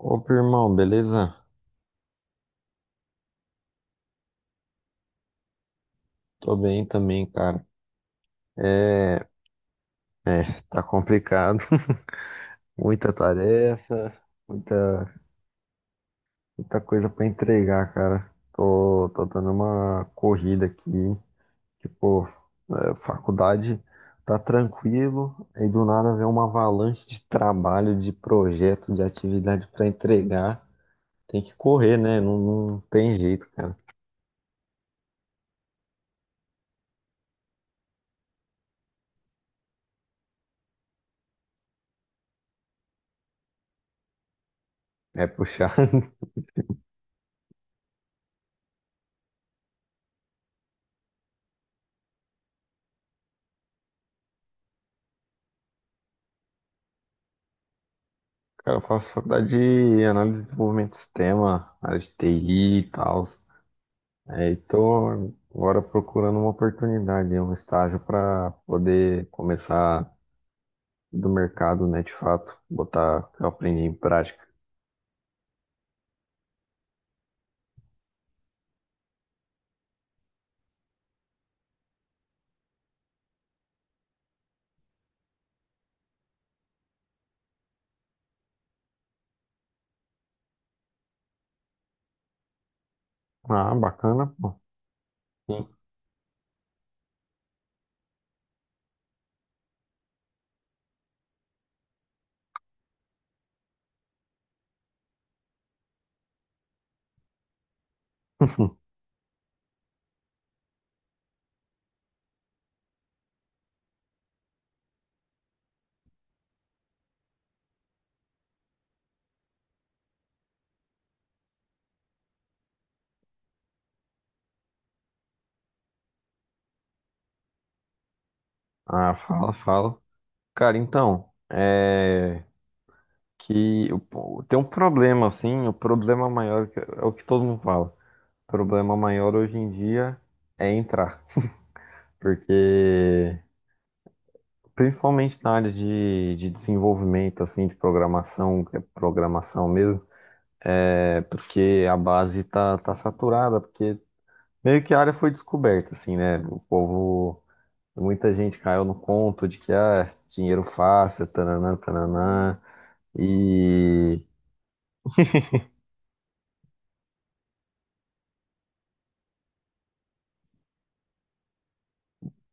Opa, irmão, beleza? Tô bem também, cara. É, é, tá complicado. Muita tarefa, muita, muita coisa pra entregar, cara. Tô dando uma corrida aqui. Tipo, faculdade tá tranquilo, aí do nada vem uma avalanche de trabalho, de projeto, de atividade pra entregar. Tem que correr, né? Não, não tem jeito, cara. É puxar. Cara, eu faço faculdade de análise de desenvolvimento de sistema, área de TI e tal. Aí tô agora procurando uma oportunidade, um estágio para poder começar do mercado, né, de fato, botar o que eu aprendi em prática. Ah, bacana, pô. Sim. Ah, fala, fala. Cara, então, pô, tem um problema, assim, o problema maior é o que todo mundo fala. O problema maior hoje em dia é entrar, porque principalmente na área de desenvolvimento, assim, de programação, que é programação mesmo, é porque a base tá saturada, porque meio que a área foi descoberta, assim, né? O povo, muita gente caiu no conto de que, ah, dinheiro fácil, tananã, tananã, e.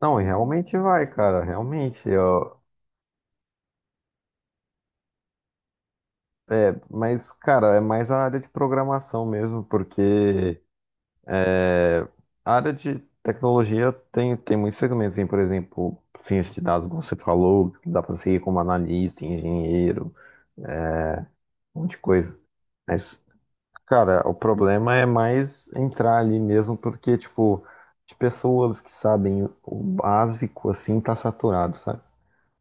Não, e realmente vai, cara, realmente, ó, é, mas, cara, é mais a área de programação mesmo, porque. É, a área de tecnologia tem muitos segmentos, assim, por exemplo, ciência de dados, como você falou, dá para seguir como analista, engenheiro, um monte de coisa. Mas, cara, o problema é mais entrar ali mesmo, porque, tipo, de pessoas que sabem o básico, assim, tá saturado, sabe?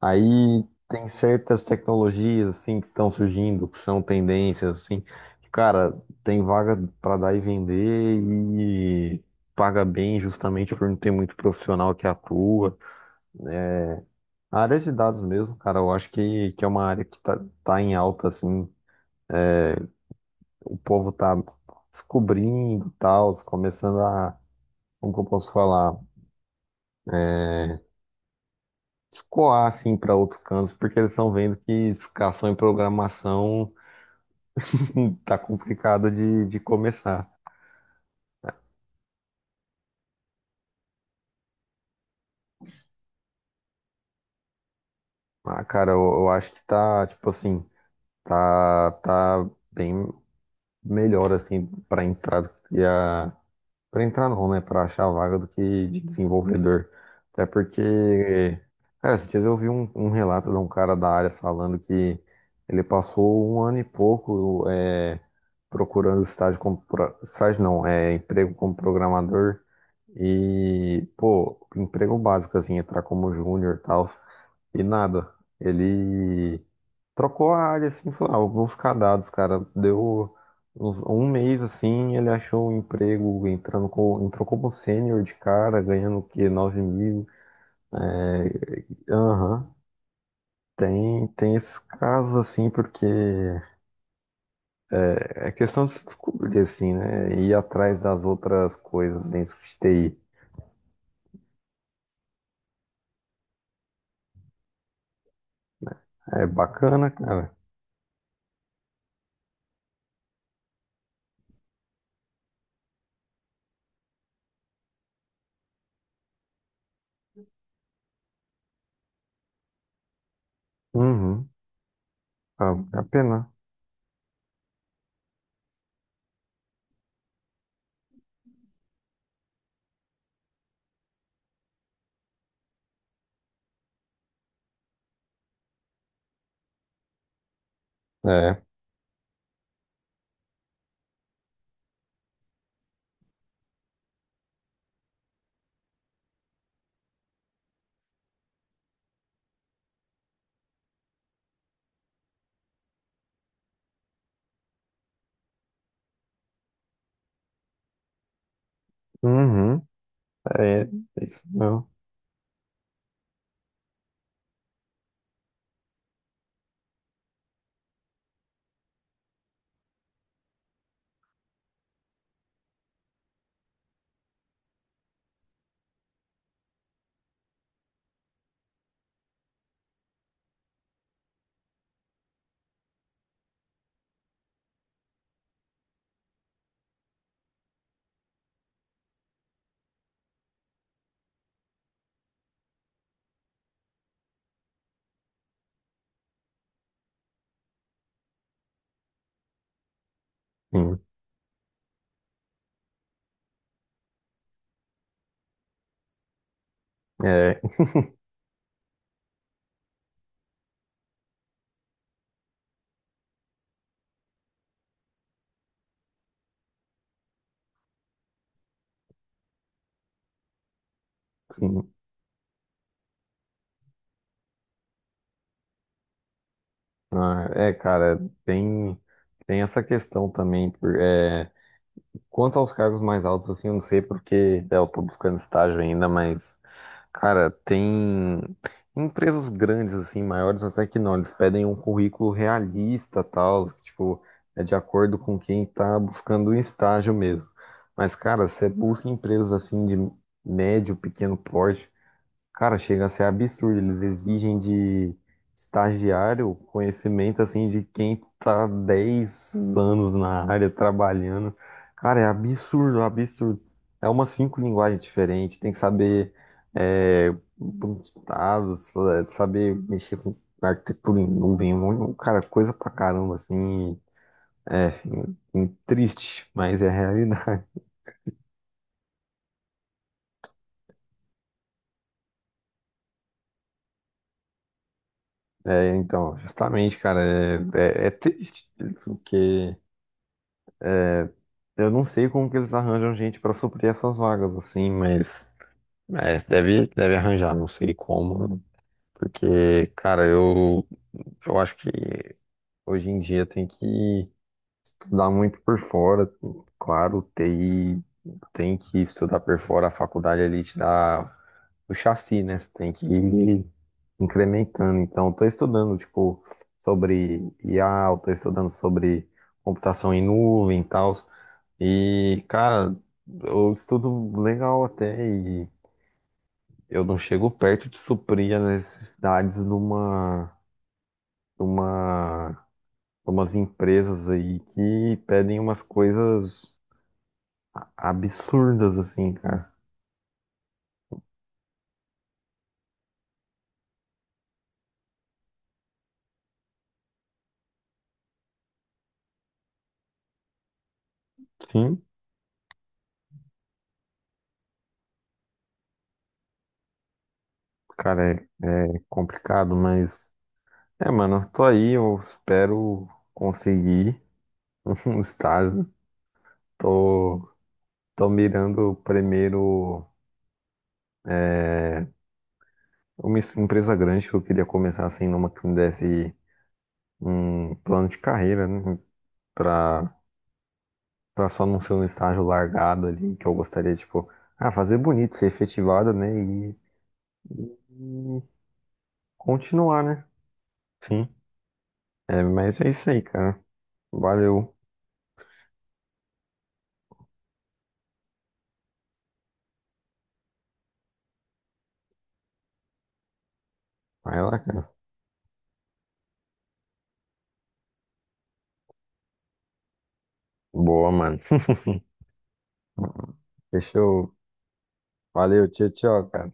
Aí tem certas tecnologias assim que estão surgindo, que são tendências assim, que, cara, tem vaga para dar e vender e paga bem justamente por não ter muito profissional que atua. A área de dados mesmo, cara, eu acho que é uma área que tá em alta assim, o povo tá descobrindo e tal, começando a, como que eu posso falar, é, escoar assim para outros cantos, porque eles estão vendo que ficar só em programação. Tá complicado de começar. Ah, cara, eu acho que tá, tipo assim, tá bem melhor, assim, pra entrar do que a. Pra entrar não, né? Pra achar a vaga do que de desenvolvedor. Até porque, cara, esses dias eu vi um relato de um cara da área falando que ele passou um ano e pouco procurando estágio como. Estágio não, é emprego como programador. E, pô, emprego básico, assim, entrar como júnior e tal, e nada. Ele trocou a área, assim, falou, ah, eu vou ficar dados, cara. Deu um mês, assim, ele achou um emprego, entrou como sênior de cara, ganhando o quê? 9 mil. É, aham. Tem esses casos, assim, porque é questão de se descobrir, assim, né? Ir atrás das outras coisas dentro de TI. É bacana, cara. Uhum. Ah, é a pena. É. Uhum. É, é isso mesmo. Sim. É. Sim. Ah, é, cara, tem, tem essa questão também. Quanto aos cargos mais altos, assim, eu não sei porque eu tô buscando estágio ainda, mas. Cara, tem empresas grandes, assim, maiores até que não. Eles pedem um currículo realista, tal, que, tipo, é de acordo com quem tá buscando um estágio mesmo. Mas, cara, você busca empresas assim de médio, pequeno porte. Cara, chega a ser absurdo. Eles exigem de estagiário conhecimento assim de quem tá 10 anos na área trabalhando. Cara, é absurdo, absurdo. É umas cinco linguagens diferentes. Tem que saber é, dados, saber mexer com arquitetura em nuvem, cara, coisa pra caramba, assim. É, triste, mas é a realidade. É, então, justamente, cara, triste. Porque. Eu não sei como que eles arranjam gente pra suprir essas vagas, assim, mas deve arranjar, não sei como. Porque, cara, eu acho que hoje em dia tem que estudar muito por fora. Claro, TI tem que estudar por fora, a faculdade ali te dá o chassi, né? Você tem que ir incrementando. Então, estou estudando, tipo, sobre IA, estou estudando sobre computação em nuvem e tal. E, cara, eu estudo legal até e eu não chego perto de suprir as necessidades de uma, de umas empresas aí que pedem umas coisas absurdas, assim, cara. Sim, cara, é complicado, mas. É, mano, eu tô aí, eu espero conseguir um estágio. Tô, tô mirando primeiro é, uma empresa grande que eu queria começar assim, numa que me desse um plano de carreira, né? Pra, pra só não ser um estágio largado ali, que eu gostaria, tipo, ah, fazer bonito, ser efetivado, né? E continuar, né? Sim. É, mas é isso aí, cara. Valeu. Vai lá, cara. Boa, mano. Fechou. Valeu, tchau, tchau, cara.